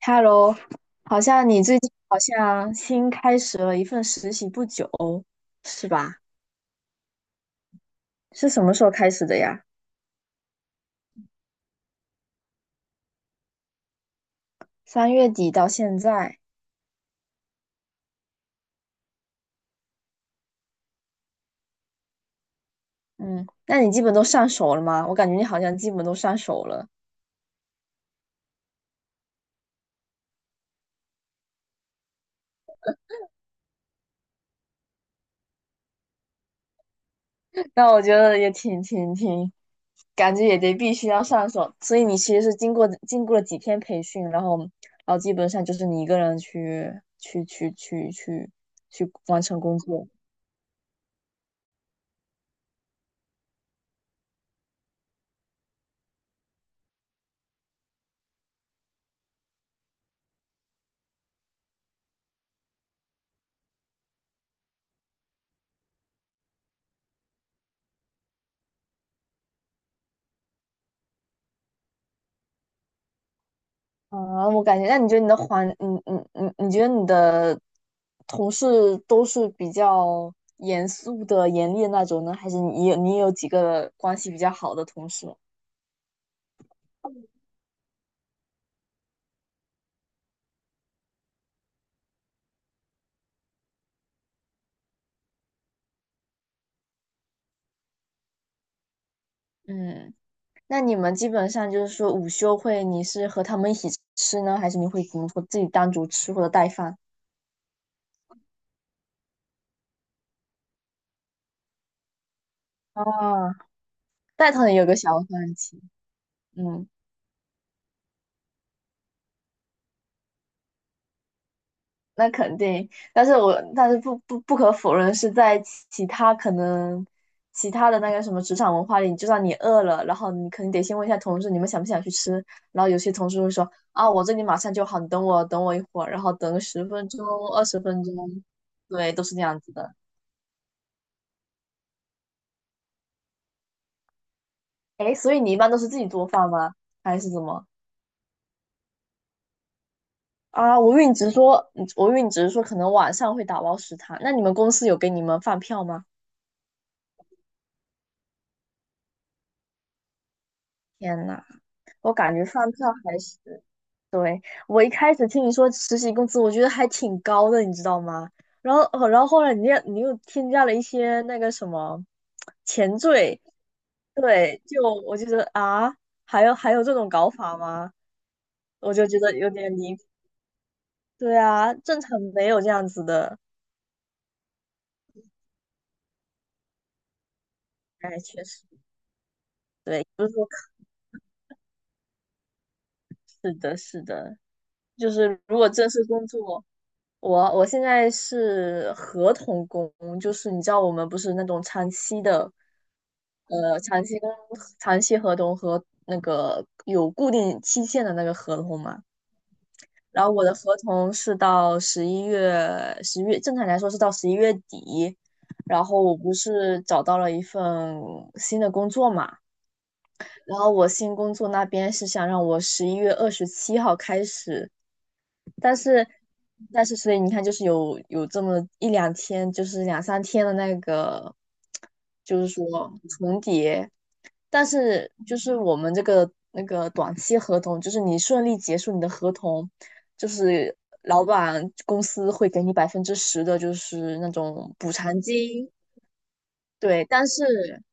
Hello，你最近新开始了一份实习不久，是吧？是什么时候开始的呀？三月底到现在，嗯，那你基本都上手了吗？我感觉你好像基本都上手了，那我觉得也挺，感觉也得必须要上手，所以你其实是经过了几天培训，然后基本上就是你一个人去完成工作。啊，我感觉，那你觉得你的环，你你你你觉得你的同事都是比较严肃的、严厉的那种呢，还是你也有几个关系比较好的同事？嗯，那你们基本上就是说午休会，你是和他们一起吃呢，还是你会怎么说自己单独吃或者带饭？啊，带汤也有个小饭局，嗯。那肯定，但是不可否认是在其他的那个什么职场文化里，你就算你饿了，然后你肯定得先问一下同事你们想不想去吃，然后有些同事会说啊我这里马上就好，你等我一会儿，然后等个十分钟二十分钟，对，都是这样子的。哎，所以你一般都是自己做饭吗？还是怎么？啊，我以为你只是说，我以为你只是说可能晚上会打包食堂，那你们公司有给你们饭票吗？天呐，我感觉饭票还是。对，我一开始听你说实习工资，我觉得还挺高的，你知道吗？然后，哦然后后来你又添加了一些那个什么前缀，对，就我就觉得啊，还有这种搞法吗？我就觉得有点离谱。对啊，正常没有这样子的。哎，确实，对，不是说是的，是的，就是如果正式工作。我现在是合同工，就是你知道我们不是那种长期的，长期工、长期合同和那个有固定期限的那个合同嘛。然后我的合同是到十一月，十月正常来说是到十一月底。然后我不是找到了一份新的工作嘛，然后我新工作那边是想让我十一月二十七号开始，但是但是，所以你看，就是有这么一两天，就是两三天的那个，就是说重叠。但是就是我们这个那个短期合同，就是你顺利结束你的合同，就是老板公司会给你百分之十的，就是那种补偿金。对，但是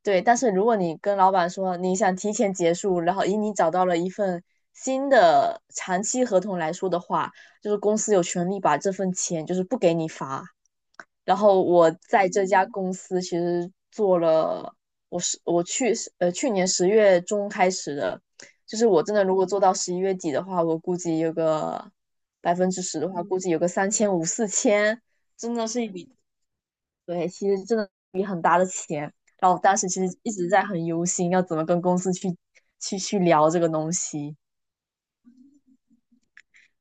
对，但是如果你跟老板说你想提前结束，然后以你找到了一份新的长期合同来说的话，就是公司有权利把这份钱就是不给你发。然后我在这家公司其实做了，我去去年十月中开始的，就是我真的如果做到十一月底的话，我估计有个百分之十的话，估计有个三千五四千，四千真的是一笔对，其实真的。然后我当时其实一直在很忧心，要怎么跟公司去去聊这个东西。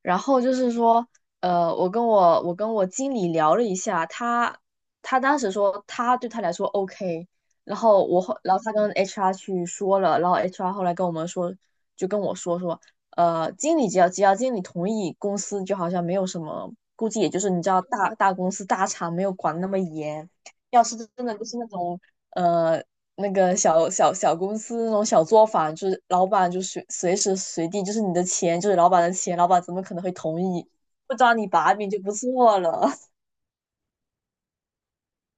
然后就是说，我跟我经理聊了一下，他当时说他对他来说 OK，然后他跟 HR 去说了，然后 HR 后来跟我们说，就跟我说，经理只要经理同意，公司就好像没有什么，估计也就是你知道大公司大厂没有管那么严，要是真的就是那种。呃，那个小公司那种小作坊，就是老板就随时随地就是你的钱就是老板的钱，老板怎么可能会同意不抓你把柄就不错了？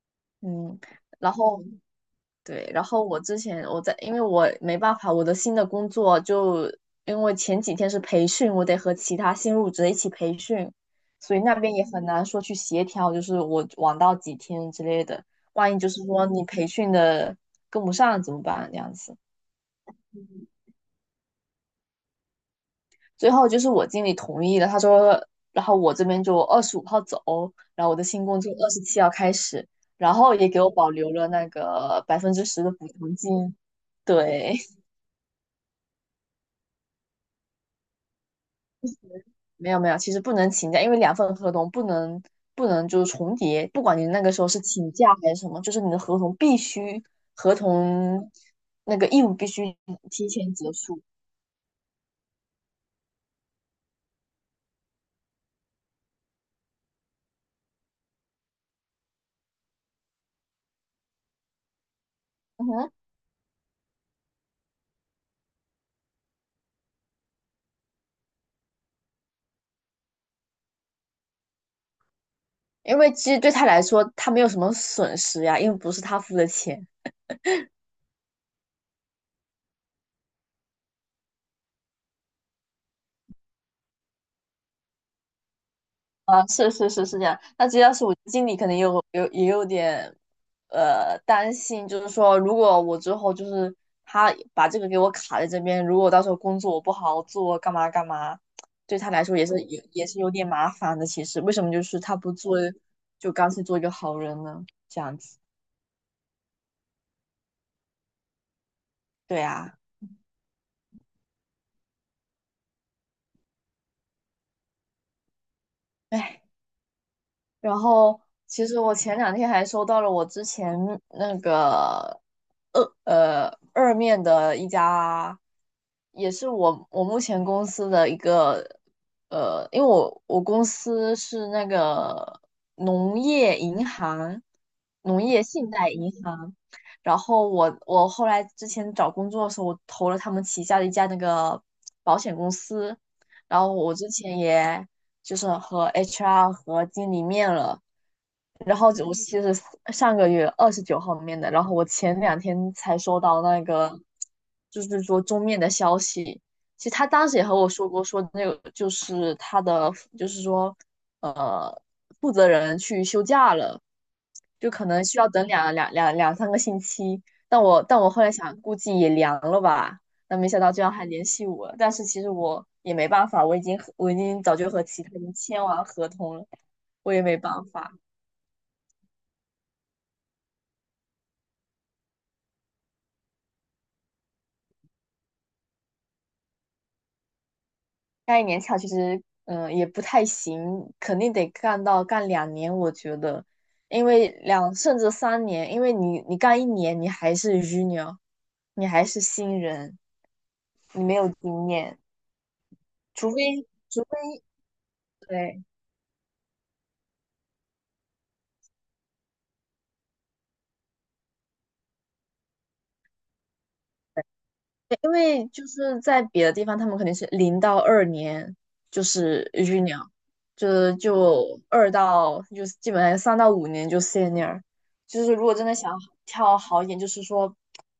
嗯，然后对，然后我之前我在，因为我没办法，我的新的工作就因为前几天是培训，我得和其他新入职的一起培训，所以那边也很难说去协调，就是我晚到几天之类的，万一就是说你培训的跟不上怎么办？这样子。最后就是我经理同意了，他说，然后我这边就二十五号走，然后我的新工作二十七号开始，然后也给我保留了那个百分之十的补偿金。对，没有，其实不能请假，因为两份合同不能就是重叠，不管你那个时候是请假还是什么，就是你的合同必须合同那个义务必须提前结束。嗯哼，因为其实对他来说，他没有什么损失呀，因为不是他付的钱。啊，是这样。那这要是我经理，可能也有也有点担心，就是说，如果我之后就是他把这个给我卡在这边，如果到时候工作我不好好做，干嘛干嘛，对他来说也有点麻烦的。其实为什么就是他不做，就干脆做一个好人呢？这样子，对啊，唉。然后其实我前两天还收到了我之前那个二面的一家，也是我目前公司的一个因为我公司是那个农业银行，农业信贷银行。然后我之前找工作的时候，我投了他们旗下的一家那个保险公司，然后我之前也就是和 HR 和经理面了。然后就我其实上个月二十九号面的，然后我前两天才收到那个，就是说终面的消息。其实他当时也和我说过，说那个就是他的，就是说负责人去休假了，就可能需要等两三个星期。但我后来想，估计也凉了吧。那没想到居然还联系我，但是其实我也没办法，我已经早就和其他人签完合同了，我也没办法。干一年卡其实也不太行，肯定得干到干两年，我觉得，因为两甚至三年，因为你干一年你还是 junior，你还是新人，你没有经验。除非除非对，因为就是在别的地方，他们肯定是零到二年就是 junior，就是就二到就是基本上三到五年就 senior，就是如果真的想跳好一点，就是说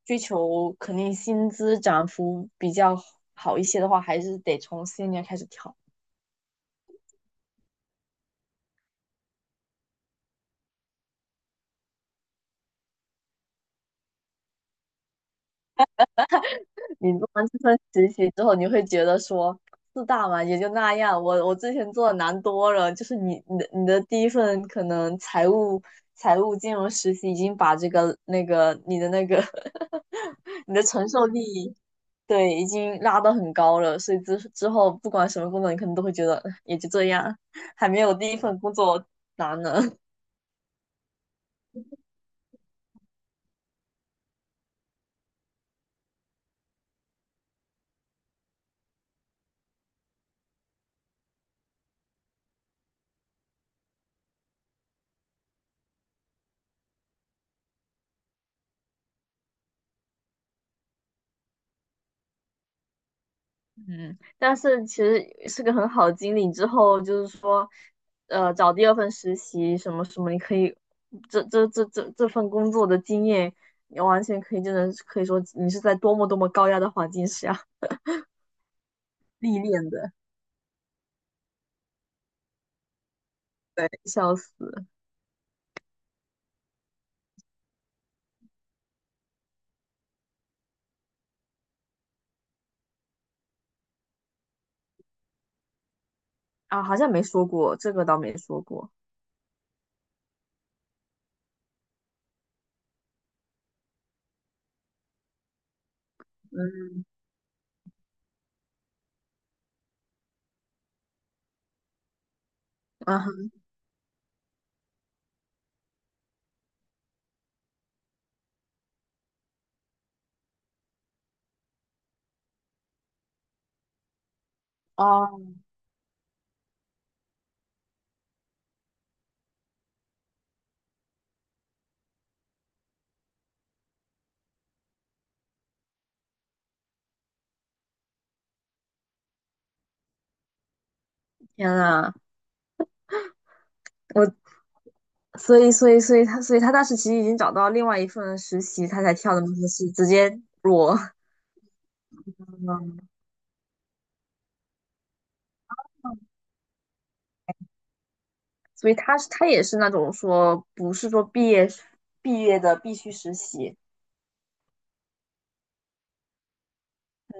追求肯定薪资涨幅比较好一些的话，还是得从 senior 开始跳。你做完这份实习之后，你会觉得说四大嘛也就那样，我之前做的难多了。就是你的第一份可能财务金融实习已经把这个那个你的那个 你的承受力对已经拉得很高了，所以之后不管什么工作，你可能都会觉得哎也就这样，还没有第一份工作难呢。嗯，但是其实是个很好的经历。之后就是说，找第二份实习什么什么，你可以这份工作的经验，你完全可以，真的是可以说你是在多么多么高压的环境下 历练的。对，笑死啊，好像没说过，这个倒没说过。嗯啊哈哦，天呐，我所以他当时其实已经找到另外一份实习，他才跳的就是直接裸。所以他是他也是那种说不是说毕业的必须实习，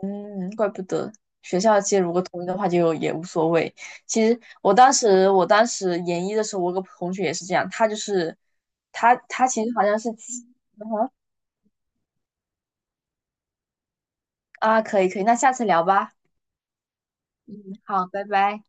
嗯，怪不得学校其实如果同意的话就也无所谓。其实我当时研一的时候，我有个同学也是这样，他就是他其实好像是，嗯哼啊，可以，那下次聊吧，嗯，好，拜拜。